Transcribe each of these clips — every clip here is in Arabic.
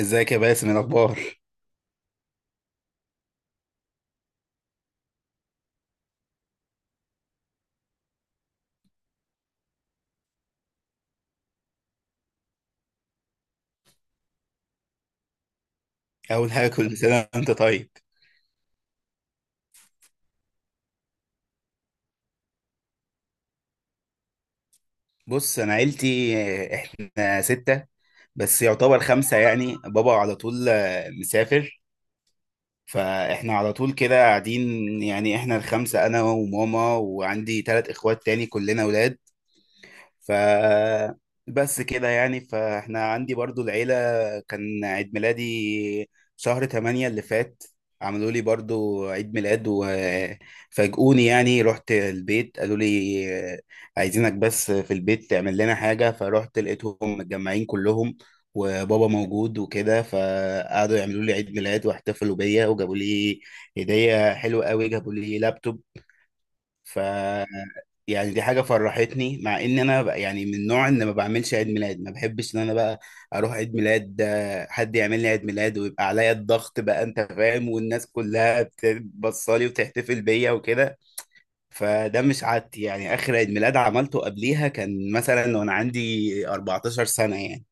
ازيك يا باسم؟ إيه الاخبار؟ اول حاجه، كل سنه وانت طيب. بص انا عيلتي، احنا سته، بس يعتبر خمسه. يعني بابا على طول مسافر، فاحنا على طول كده قاعدين. يعني احنا الخمسه انا وماما، وعندي 3 اخوات تاني كلنا اولاد. ف بس كده يعني، فاحنا عندي برضو العيلة. كان عيد ميلادي شهر 8 اللي فات، عملوا لي برضو عيد ميلاد وفاجئوني. يعني رحت البيت قالوا لي عايزينك بس في البيت تعمل لنا حاجة، فرحت لقيتهم متجمعين كلهم وبابا موجود وكده، فقعدوا يعملوا لي عيد ميلاد واحتفلوا بيا، وجابوا لي هدية حلوة قوي، جابوا لي لابتوب. ف يعني دي حاجة فرحتني، مع ان انا بقى يعني من النوع ان ما بعملش عيد ميلاد، ما بحبش ان انا بقى اروح عيد ميلاد، حد يعمل لي عيد ميلاد ويبقى عليا الضغط بقى، انت فاهم، والناس كلها بتبصلي وتحتفل بيا وكده. فده مش عادتي، يعني اخر عيد ميلاد عملته قبليها كان مثلا وانا عندي 14 سنة يعني.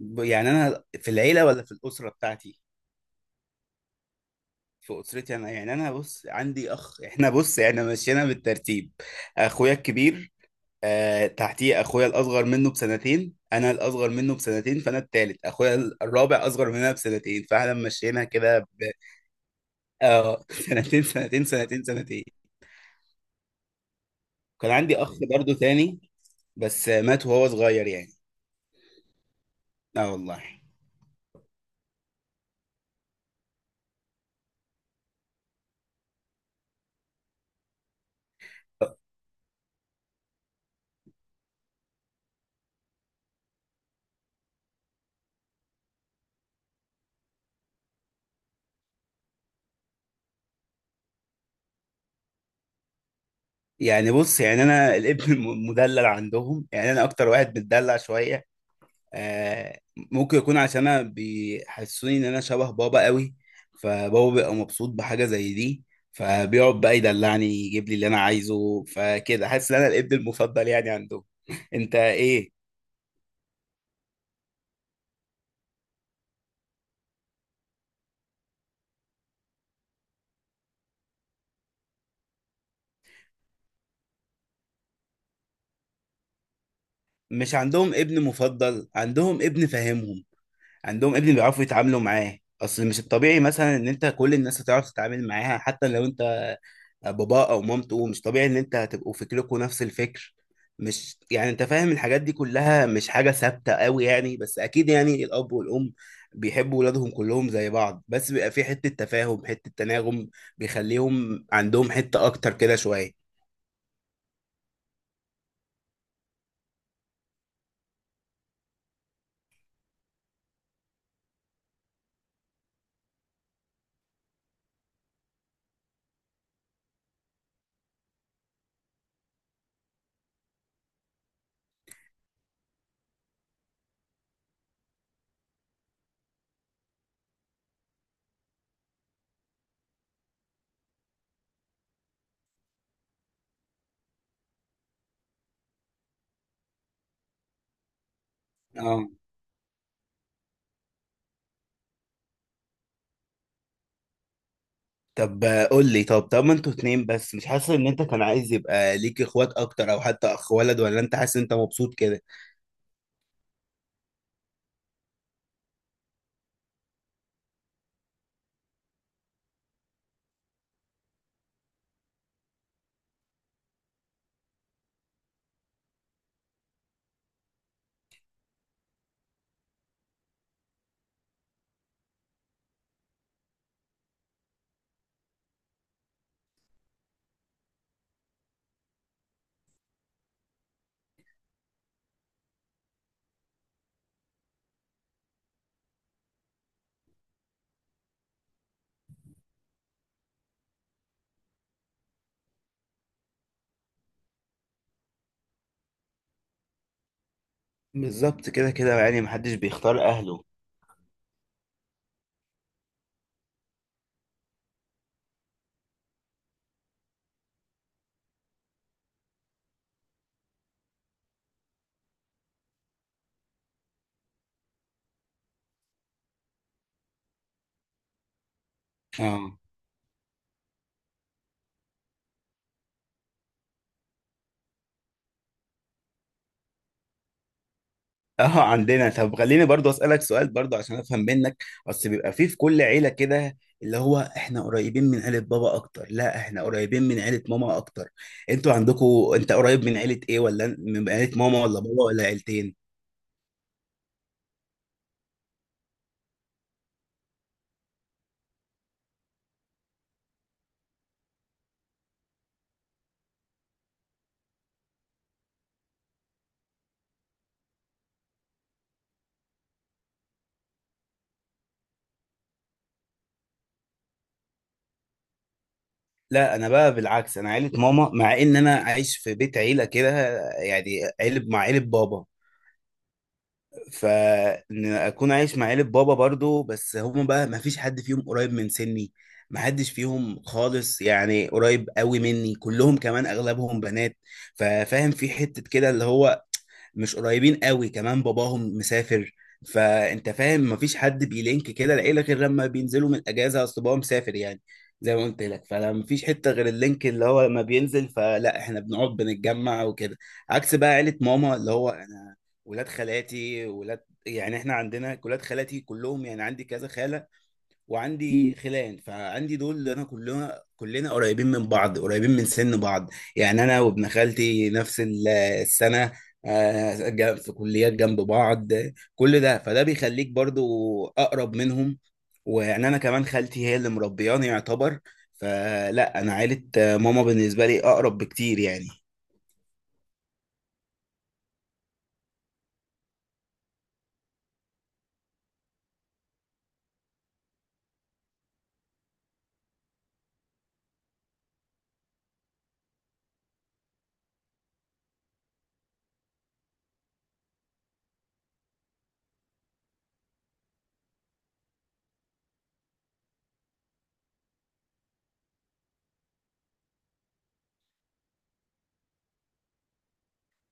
يعني انا في العيلة ولا في الأسرة بتاعتي؟ في أسرتي انا، يعني انا بص عندي اخ، احنا بص احنا مشينا بالترتيب. اخويا الكبير، آه، تحتيه اخويا الاصغر منه بسنتين، انا الاصغر منه بسنتين فانا التالت، اخويا الرابع اصغر مننا بسنتين، فاحنا مشينا كده ب... اه سنتين سنتين سنتين سنتين. كان عندي اخ برضو تاني، بس مات وهو صغير يعني. اه والله. يعني بص، يعني انا الابن المدلل عندهم، يعني انا اكتر واحد متدلع شويه. آه، ممكن يكون عشان انا بيحسسوني ان انا شبه بابا قوي، فبابا بيبقى مبسوط بحاجه زي دي، فبيقعد بقى يدلعني، يجيب لي اللي انا عايزه، فكده حاسس ان انا الابن المفضل يعني عندهم. انت ايه؟ مش عندهم ابن مفضل، عندهم ابن فاهمهم، عندهم ابن بيعرفوا يتعاملوا معاه. اصل مش الطبيعي مثلا ان انت كل الناس هتعرف تتعامل معاها، حتى لو انت باباه او مامته، مش طبيعي ان انت هتبقوا فكركم نفس الفكر. مش يعني انت فاهم الحاجات دي كلها مش حاجة ثابتة قوي يعني. بس اكيد يعني الاب والام بيحبوا ولادهم كلهم زي بعض، بس بيبقى في حتة تفاهم، حتة تناغم بيخليهم عندهم حتة اكتر كده شوية. اه، طب قول لي، طب ما انتوا اتنين بس، مش حاسس ان انت كان عايز يبقى ليك اخوات اكتر، او حتى اخ ولد؟ ولا انت حاسس ان انت مبسوط كده؟ بالظبط كده كده، يعني محدش بيختار اهله. اه. اه، عندنا. طب خليني برضو اسالك سؤال برضو عشان افهم منك، اصل بيبقى فيه في كل عيله كده اللي هو احنا قريبين من عيله بابا اكتر، لا احنا قريبين من عيله ماما اكتر. انتوا عندكم، انت قريب من عيله ايه؟ ولا من عيله ماما ولا بابا ولا عيلتين؟ لا، انا بقى بالعكس، انا عيله ماما، مع ان انا عايش في بيت عيله كده، يعني عيله مع عيله بابا. فان اكون عايش مع عيلة بابا برضو، بس هم بقى ما فيش حد فيهم قريب من سني، ما حدش فيهم خالص يعني قريب قوي مني، كلهم كمان اغلبهم بنات. ففاهم في حتة كده اللي هو مش قريبين قوي، كمان باباهم مسافر، فانت فاهم ما فيش حد بيلينك كده العيلة غير لما بينزلوا من الاجازة. اصل بابا مسافر يعني، زي ما قلت لك، فلا مفيش حتة غير اللينك اللي هو لما بينزل، فلا احنا بنقعد بنتجمع وكده. عكس بقى عيلة ماما، اللي هو ولاد خالاتي، ولاد. يعني احنا عندنا ولاد خالاتي كلهم، يعني عندي كذا خالة وعندي خلان، فعندي دول اللي انا كلنا قريبين من بعض، قريبين من سن بعض. يعني انا وابن خالتي نفس السنة، في كليات جنب بعض، كل ده فده بيخليك برضو اقرب منهم. ويعني انا كمان خالتي هي اللي مربياني يعتبر، فلا انا عيلة ماما بالنسبة لي اقرب بكتير يعني.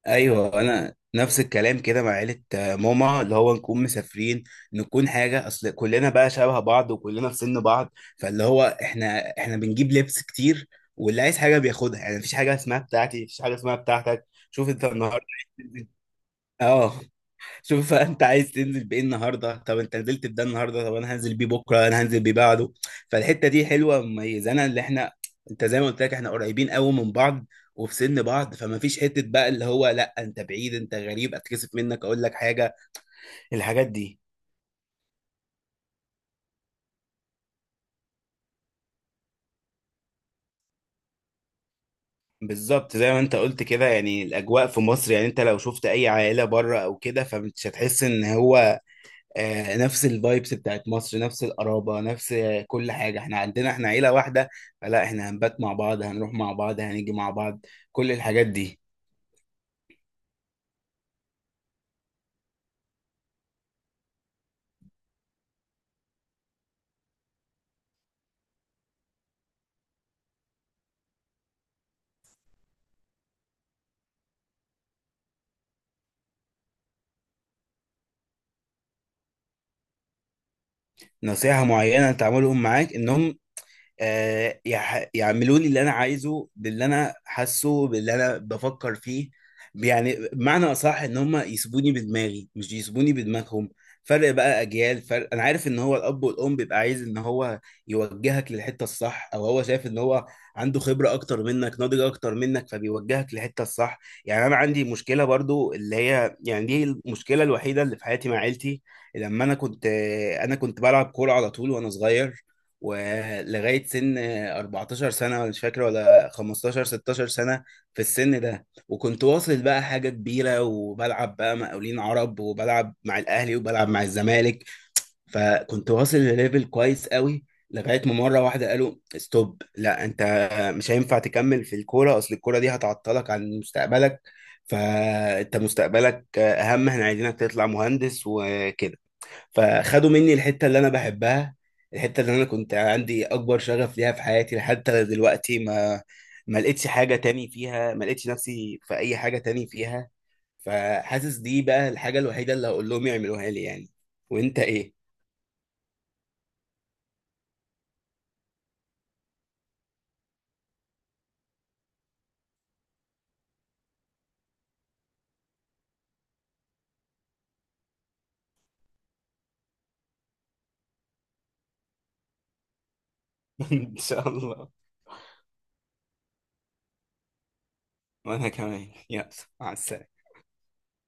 ايوه، انا نفس الكلام كده مع عيله ماما، اللي هو نكون مسافرين، نكون حاجه، اصل كلنا بقى شبه بعض وكلنا في سن بعض، فاللي هو احنا بنجيب لبس كتير، واللي عايز حاجه بياخدها. يعني مفيش حاجه اسمها بتاعتي، مفيش حاجه اسمها بتاعتك. شوف انت النهارده. اه. شوف بقى انت عايز تنزل بايه النهارده، طب انت نزلت بده النهارده، طب انا هنزل بيه بكره، انا هنزل بيه بعده. فالحته دي حلوه مميزه، انا اللي احنا، انت زي ما قلت لك احنا قريبين قوي من بعض وفي سن بعض، فما فيش حته بقى اللي هو لا انت بعيد، انت غريب، اتكسف منك اقول لك حاجه، الحاجات دي. بالظبط زي ما انت قلت كده، يعني الاجواء في مصر. يعني انت لو شفت اي عائله بره او كده فمش هتحس ان هو نفس الفايبس بتاعت مصر، نفس القرابة، نفس كل حاجة. احنا عندنا احنا عيلة واحدة، فلا احنا هنبات مع بعض، هنروح مع بعض، هنيجي مع بعض، كل الحاجات دي. نصيحة معينة تعملهم معاك انهم يعملوا لي اللي انا عايزه، باللي انا حاسه، باللي انا بفكر فيه. يعني بمعنى اصح ان هم يسيبوني بدماغي مش يسيبوني بدماغهم، فرق بقى اجيال فرق. انا عارف ان هو الاب والام بيبقى عايز ان هو يوجهك للحته الصح، او هو شايف ان هو عنده خبره اكتر منك، ناضج اكتر منك، فبيوجهك للحته الصح. يعني انا عندي مشكله برضو اللي هي، يعني دي المشكله الوحيده اللي في حياتي مع عيلتي. لما انا كنت بلعب كوره على طول وانا صغير، ولغايه سن 14 سنه، ولا مش فاكر ولا 15 16 سنه. في السن ده وكنت واصل بقى حاجه كبيره، وبلعب بقى مقاولين عرب، وبلعب مع الاهلي، وبلعب مع الزمالك، فكنت واصل لليفل كويس قوي. لغايه ما مره واحده قالوا ستوب، لا انت مش هينفع تكمل في الكوره، اصل الكوره دي هتعطلك عن مستقبلك، فانت مستقبلك اهم، احنا عايزينك تطلع مهندس وكده. فخدوا مني الحتة اللي أنا بحبها، الحتة اللي أنا كنت عندي أكبر شغف ليها في حياتي، حتى دلوقتي ما لقيتش حاجة تاني فيها، ما لقيتش نفسي في أي حاجة تاني فيها. فحاسس دي بقى الحاجة الوحيدة اللي هقول لهم يعملوها لي يعني. وأنت إيه؟ إن شاء الله. وأنا كمان، يلا، مع السلامة.